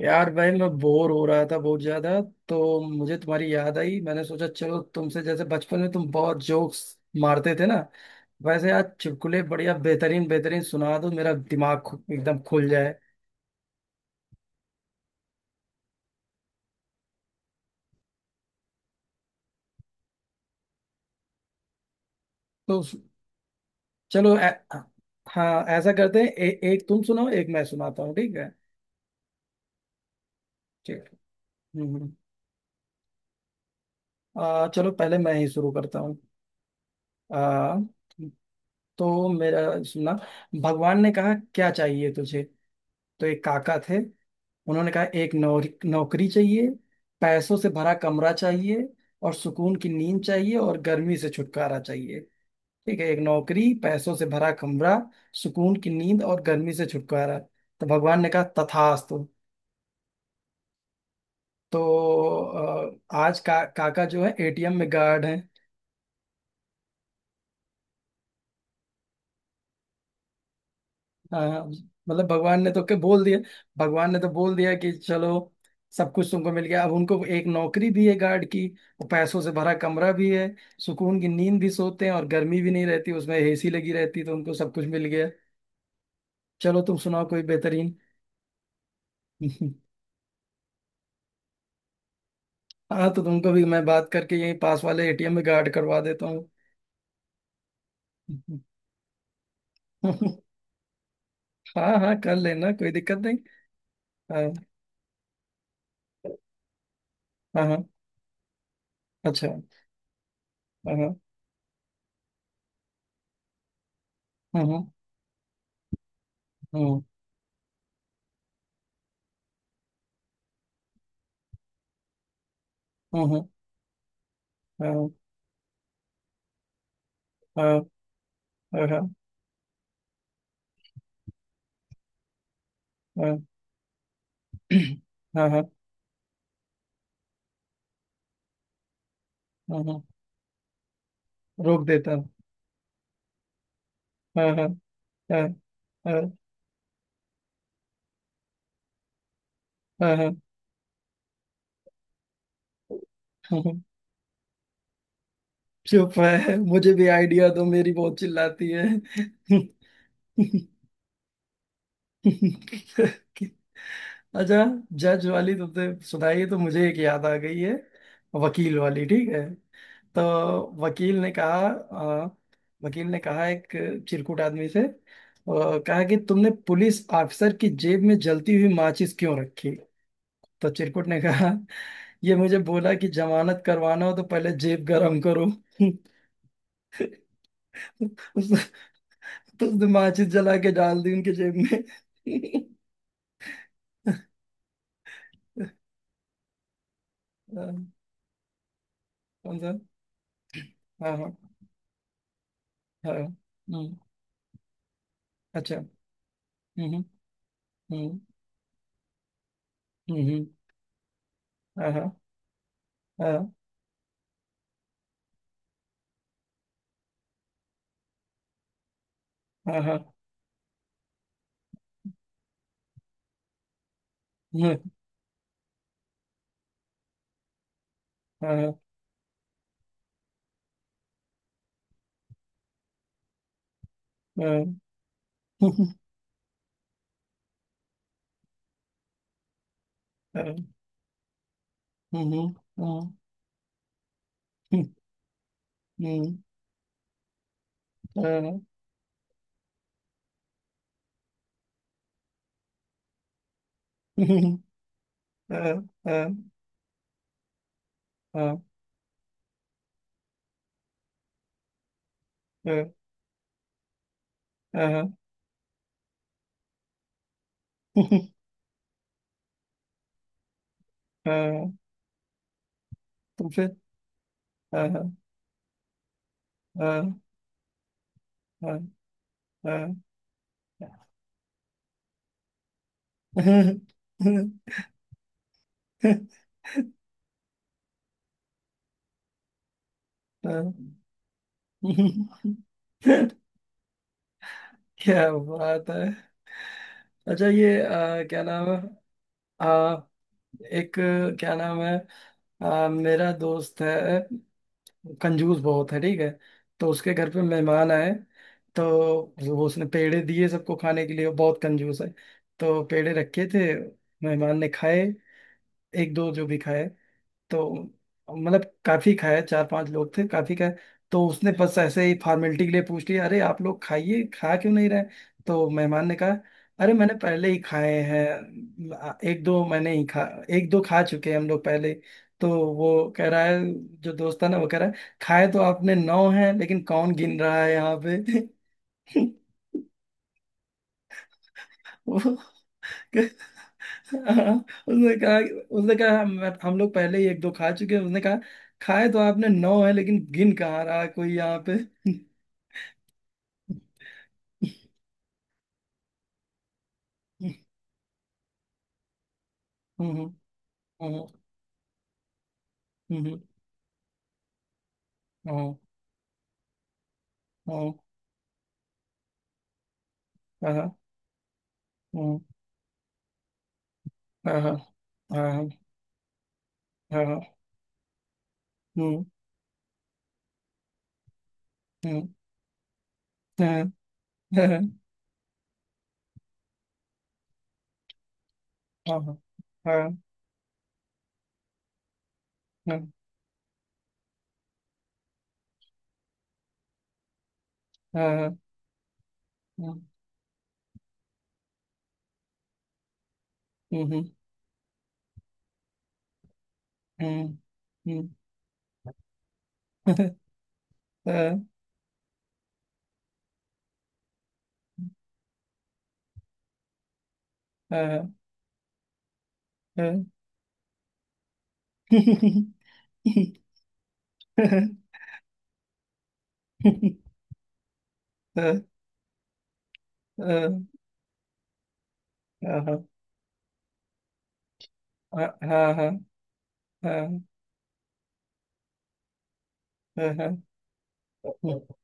यार भाई, मैं बोर हो रहा था बहुत ज्यादा। तो मुझे तुम्हारी याद आई। मैंने सोचा, चलो तुमसे, जैसे बचपन में तुम बहुत जोक्स मारते थे ना, वैसे आज चुटकुले बढ़िया, बेहतरीन बेहतरीन सुना दो, मेरा दिमाग एकदम खुल जाए। तो चलो, हाँ, ऐसा करते हैं, एक तुम सुनाओ, एक मैं सुनाता हूँ, ठीक है। ठीक है। हम्म। हम्म। चलो, पहले मैं ही शुरू करता हूँ। आ, तो मेरा सुना। भगवान ने कहा क्या चाहिए तुझे। तो एक काका थे। उन्होंने कहा एक नौकरी चाहिए, पैसों से भरा कमरा चाहिए, और सुकून की नींद चाहिए, और गर्मी से छुटकारा चाहिए। ठीक है, एक नौकरी, पैसों से भरा कमरा, सुकून की नींद और गर्मी से छुटकारा। तो भगवान ने कहा तथास्तु। तो आज का काका जो है एटीएम में गार्ड है। हाँ। मतलब भगवान ने तो क्या बोल दिया, भगवान ने तो बोल दिया कि चलो सब कुछ तुमको मिल गया। अब उनको एक नौकरी भी है गार्ड की। वो पैसों से भरा कमरा भी है, सुकून की नींद भी सोते हैं, और गर्मी भी नहीं रहती, उसमें एसी लगी रहती। तो उनको सब कुछ मिल गया। चलो तुम सुनाओ कोई बेहतरीन। हाँ, तो तुमको भी मैं बात करके यहीं पास वाले एटीएम में गार्ड करवा देता हूँ। हाँ हाँ, कर लेना, कोई दिक्कत नहीं। हाँ, हाँ, हाँ, अच्छा। हाँ, हाँ। हाँ, हाँ, हाँ, हाँ, हाँ, हाँ, हाँ, हाँ। हाँ, हाँ। हाँ, हाँ, हाँ। रोक देता हूँ। हाँ, हाँ। हाँ। हाँ। हाँ, हाँ, हाँ। हाँ, चुप है, मुझे भी आइडिया दो, मेरी बहुत चिल्लाती है। अच्छा, जज वाली तो तुमने सुनाई, तो मुझे एक याद आ गई है, वकील वाली, ठीक है। तो वकील ने कहा अ, वकील ने कहा एक चिरकुट आदमी से, कहा कि तुमने पुलिस ऑफिसर की जेब में जलती हुई माचिस क्यों रखी। तो चिरकुट ने कहा ये मुझे बोला कि जमानत करवाना हो तो पहले जेब गरम करो। उस, तो उसने माचिस जला के डाल दी उनके जेब में। हाँ। कौन सा? हाँ, हाँ। हाँ, हाँ। हम्म। अच्छा। हम्म। हम्म। हम्म। हम्म। हम्म। हाँ, हाँ, हाँ, हाँ, हाँ। हम्म। हाँ, हाँ। हम्म। हम्म। हम्म। हाँ। हम्म। हम्म। हाँ। हम्म। हाँ, हाँ, हाँ, हाँ, हाँ, हाँ। तो फिर हाँ, हाँ। हाँ, हाँ। हाँ, हाँ। क्या बात है। अच्छा, ये क्या नाम है, आ, एक, क्या नाम है, मेरा दोस्त है, कंजूस बहुत है, ठीक है। तो उसके घर पे मेहमान आए। तो वो उसने पेड़े दिए सबको खाने के लिए, वो बहुत कंजूस है। तो पेड़े रखे थे। मेहमान ने खाए, एक दो जो भी खाए। तो मतलब काफी खाया, चार पांच लोग थे, काफी खाया। तो उसने बस ऐसे ही फॉर्मेलिटी के लिए पूछ लिया, अरे आप लोग खाइए, खा क्यों नहीं रहे। तो मेहमान ने कहा अरे मैंने पहले ही खाए हैं, एक दो मैंने ही खा, एक दो खा चुके हैं हम लोग पहले। तो वो कह रहा है, जो दोस्त था ना वो कह रहा है, खाए तो आपने नौ हैं लेकिन कौन गिन रहा है यहाँ पे। वो हाँ। उसने कहा, उसने कहा हम लोग पहले ही एक दो खा चुके हैं, उसने कहा खाए तो आपने नौ है लेकिन गिन कहाँ रहा है कोई यहाँ पे। हम्म। हम्म। हम्म। हम्म। हम्म। हम्म। हाँ। हम्म। हाँ। हाँ। हाँ। हाँ। हम्म। हम्म। हाँ। हाँ। हाँ। हाँ। हाँ। हम्म। हम्म। हम्म। हम्म। हाँ, हाँ, हाँ, हाँ, हाँ, हाँ, हाँ, हाँ, हाँ, हाँ, हाँ, हाँ।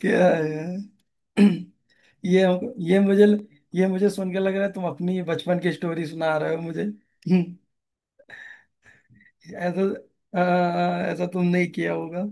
क्या यार। ये ये मुझे ये मुझे सुन के लग रहा है तुम अपनी बचपन की स्टोरी सुना रहे हो मुझे, ऐसा, ऐसा तुम नहीं किया होगा।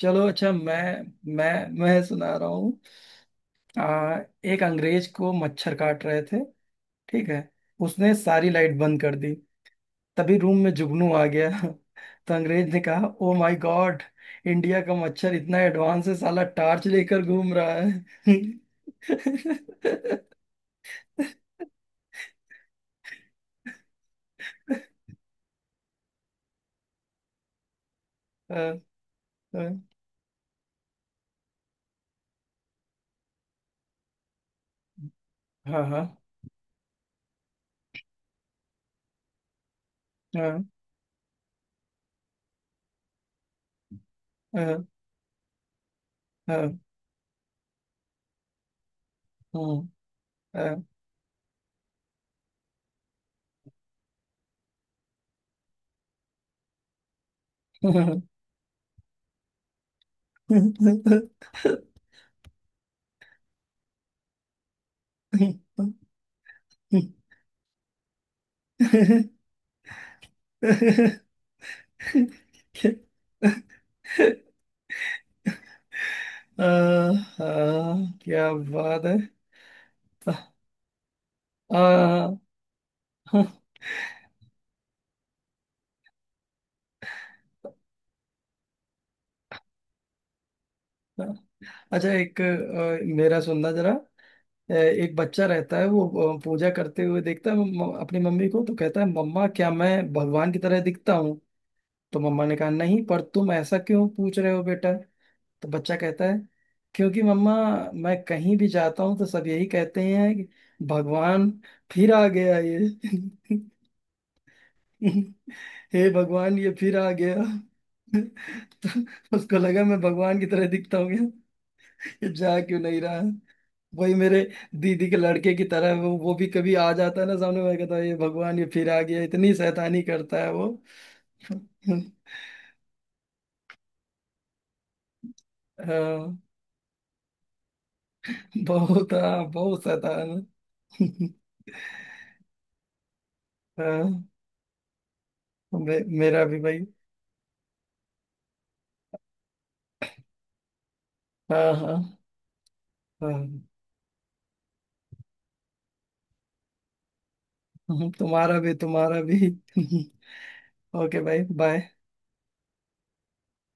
चलो अच्छा, मैं, मैं मैं सुना रहा हूँ। आ, एक अंग्रेज को मच्छर काट रहे थे, ठीक है। उसने सारी लाइट बंद कर दी। तभी रूम में जुगनू आ गया। तो अंग्रेज ने कहा ओ माय गॉड, इंडिया का मच्छर इतना एडवांस है, साला टार्च लेकर घूम रहा है। हाँ, हाँ, हाँ, हाँ, हाँ, हाँ। हम्म। हाँ। हाँ। आ, आ, क्या बात है। आ, अच्छा, एक, मेरा सुनना जरा। एक बच्चा रहता है, वो पूजा करते हुए देखता है अपनी मम्मी को। तो कहता है मम्मा, क्या मैं भगवान की तरह दिखता हूँ। तो मम्मा ने कहा नहीं, पर तुम ऐसा क्यों पूछ रहे हो बेटा। तो बच्चा कहता है क्योंकि मम्मा, मैं कहीं भी जाता हूँ तो सब यही कहते हैं कि भगवान फिर आ गया ये। हे भगवान, ये फिर आ गया। तो उसको लगा मैं भगवान की तरह दिखता हूँ क्या? ये जा क्यों नहीं रहा, वही मेरे दीदी के लड़के की तरह, वो भी कभी आ जाता है ना सामने, मैं कहता हूँ ये भगवान, ये फिर आ गया, इतनी शैतानी करता है वो। हाँ, बहुत, हाँ, बहुत शैतान। हाँ। मेरा भी भाई। हाँ, हाँ। हाँ, हाँ, तुम्हारा भी, तुम्हारा भी। ओके भाई, बाय।